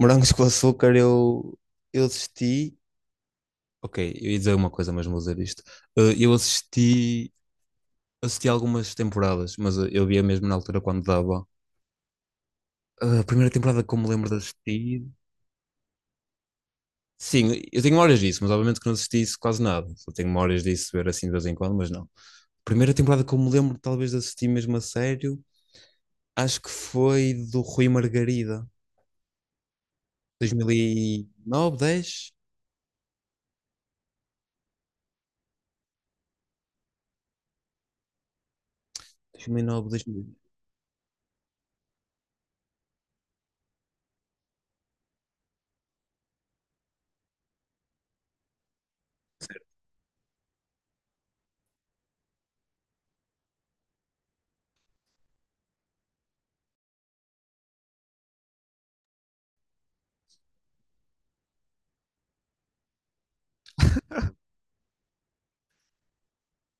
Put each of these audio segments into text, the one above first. Morangos com açúcar, eu assisti. Ok, eu ia dizer uma coisa, mas vou dizer isto. Eu assisti, assisti algumas temporadas, mas eu via mesmo na altura quando dava. A primeira temporada que eu me lembro de assistir. Sim, eu tenho memórias disso, mas obviamente que não assisti isso quase nada. Só tenho memórias disso, ver assim de vez em quando, mas não. Primeira temporada que eu me lembro, talvez, de assistir mesmo a sério, acho que foi do Rui Margarida, dois mil e nove, dez, dois mil e nove, dois mil.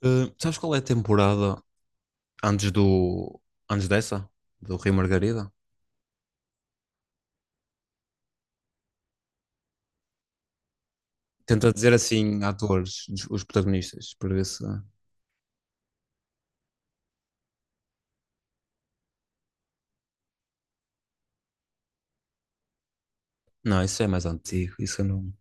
Sabes qual é a temporada antes do antes dessa, do Rei Margarida. Tenta dizer assim atores, os protagonistas, para ver se. Não, isso é mais antigo, isso eu não.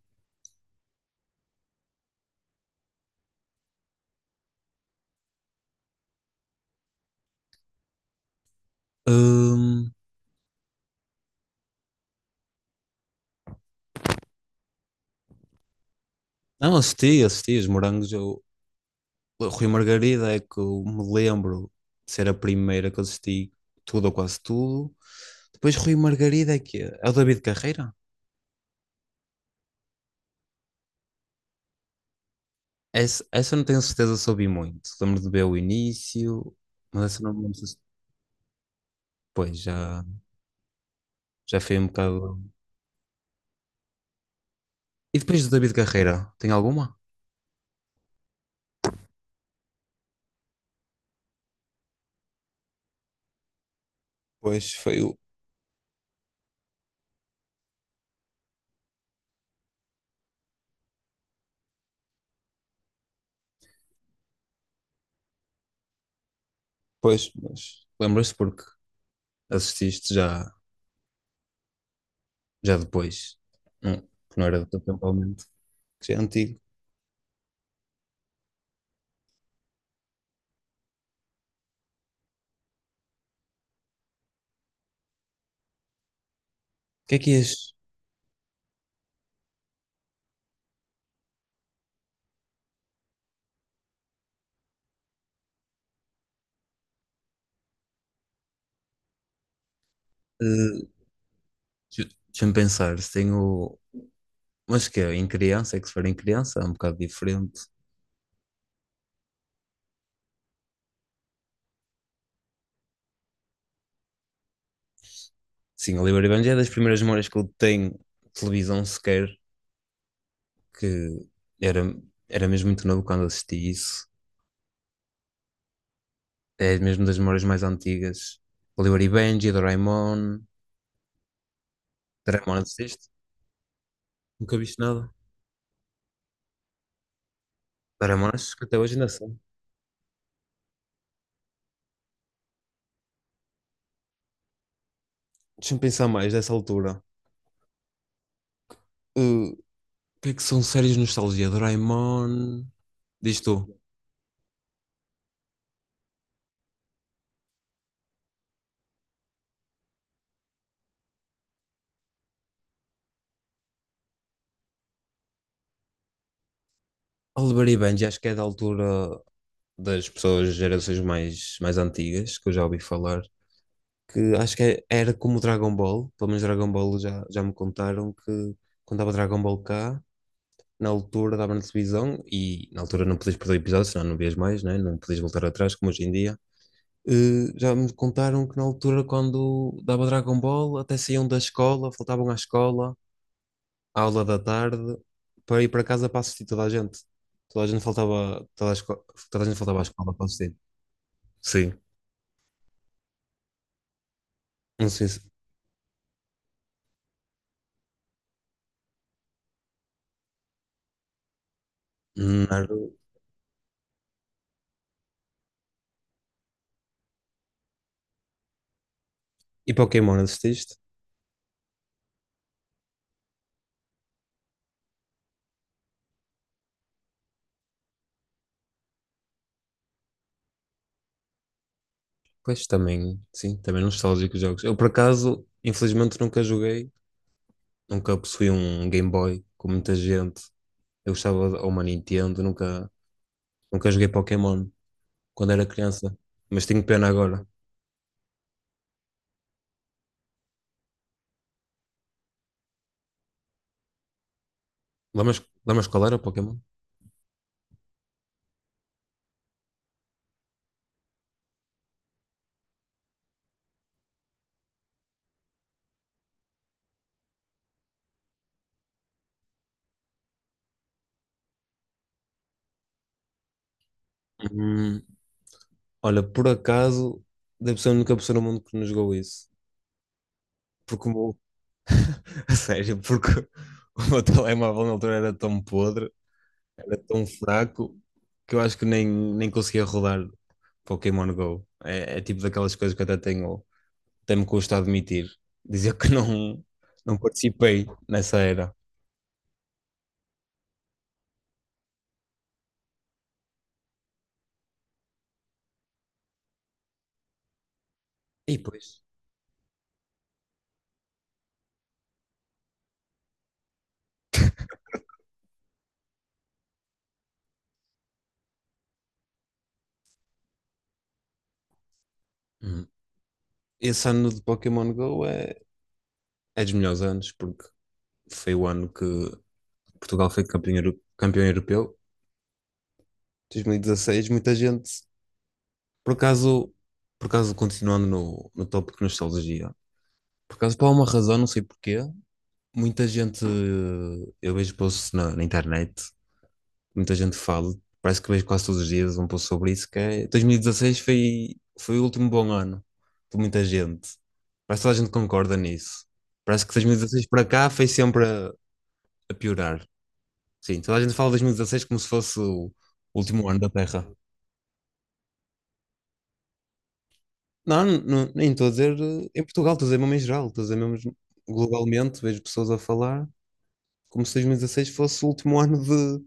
Hum, não, assisti, assisti os morangos. Eu... O Rei Margarida é que eu me lembro de ser a primeira que eu assisti tudo ou quase tudo. Depois Rui Margarida é que é. É o David Carreira? Essa eu não tenho certeza se ouvi muito. Lembro de ver o início, mas essa não me lembro se depois já, já foi um bocado. E depois do David Carreira, tem alguma? Pois foi o. Pois, mas lembras porque assististe já, já depois. Não, que não era do teu tempo, obviamente. Que já é antigo. O que é que és? eh, Deixa-me pensar. Se tenho. Mas que é, em criança, é que se for em criança, é um bocado diferente. Sim, Oliver e Benji é das primeiras memórias que eu tenho de televisão sequer, que era, era mesmo muito novo quando assisti isso. É mesmo das memórias mais antigas. Oliver e Benji, Doraemon. Doraemon assististe? Nunca viste nada. Doraemon, acho que até hoje ainda são. Deixa-me pensar mais dessa altura. O que é que são séries de nostalgia? Doraemon. Diz tu. Oliver e Benji, acho que é da altura das pessoas, gerações mais, mais antigas, que eu já ouvi falar. Que acho que era como o Dragon Ball. Pelo menos Dragon Ball já, já me contaram que quando dava Dragon Ball cá, na altura dava na televisão e na altura não podias perder o episódio, senão não vias mais, né? Não podias voltar atrás, como hoje em dia. Já me contaram que na altura, quando dava Dragon Ball, até saíam da escola, faltavam à escola, à aula da tarde, para ir para casa para assistir toda a gente. Toda a gente faltava, toda a gente faltava à escola para assistir. Sim. Não sei se. Naruto. E Pokémon assististe? Pois também, sim, também nostálgico os jogos. Eu, por acaso, infelizmente nunca joguei, nunca possuí um Game Boy com muita gente. Eu gostava de ou uma Nintendo, nunca, nunca joguei Pokémon quando era criança, mas tenho pena agora. Lembras, lembras qual era o Pokémon? Hum, olha, por acaso, deve ser a única pessoa no mundo que nos jogou isso. Porque o meu, a sério, porque o meu telemóvel na altura era tão podre, era tão fraco, que eu acho que nem, nem conseguia rodar Pokémon Go. É, é tipo daquelas coisas que eu até tenho. Até me custa admitir, dizer que não, não participei nessa era. E pois, hum, esse ano de Pokémon Go é, é dos melhores anos, porque foi o ano que Portugal foi campeão, campeão europeu, 2016, muita gente, por acaso, por acaso continuando no, no tópico nostalgia, por acaso por alguma razão, não sei porquê, muita gente eu vejo posts na, na internet muita gente fala, parece que vejo quase todos os dias um pouco sobre isso, que é 2016 foi, foi o último bom ano de muita gente. Parece que toda a gente concorda nisso. Parece que 2016 para cá foi sempre a piorar. Sim, toda a gente fala de 2016 como se fosse o último ano da Terra. Não, nem estou a dizer em Portugal, estou a dizer mesmo em geral, estou a dizer mesmo globalmente, vejo pessoas a falar como se 2016 fosse o último ano de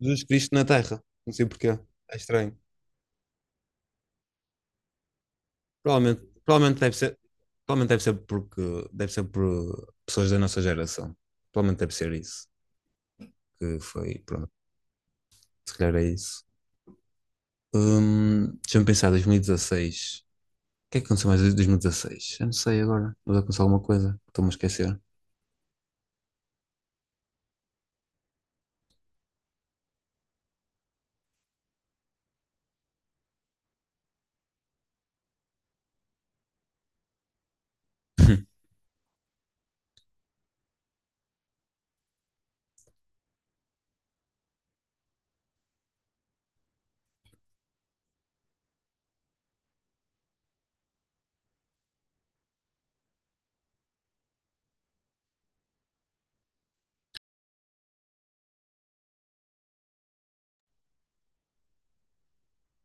Jesus Cristo na Terra. Não sei porquê, é estranho. Provavelmente, provavelmente deve ser porque deve ser por pessoas da nossa geração. Provavelmente deve ser isso. Que foi, pronto, se calhar é isso. Deixa-me pensar, 2016. O que é que aconteceu mais em 2016? Eu não sei agora. Vou aconteceu alguma coisa. Estou-me a esquecer.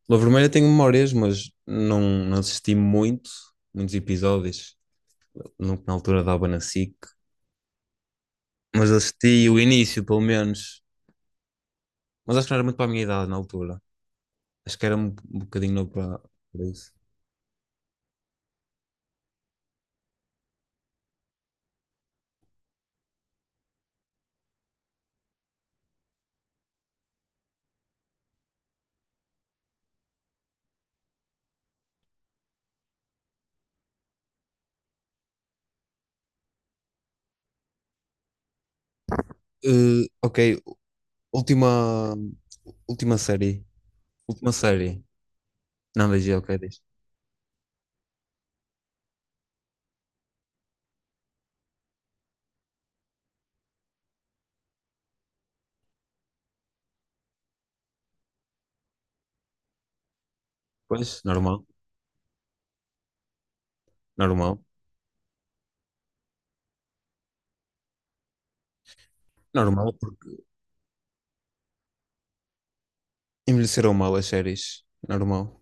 Lua Vermelha tenho memórias, mas não, não assisti muito, muitos episódios. Nunca na altura dava na SIC. Mas assisti o início, pelo menos. Mas acho que não era muito para a minha idade na altura. Acho que era um, um bocadinho novo para, para isso. Eh, ok, última, última série. Última série. Não vejo, ok, diz. Pois, normal, normal, normal, porque envelheceram mal as séries. Normal.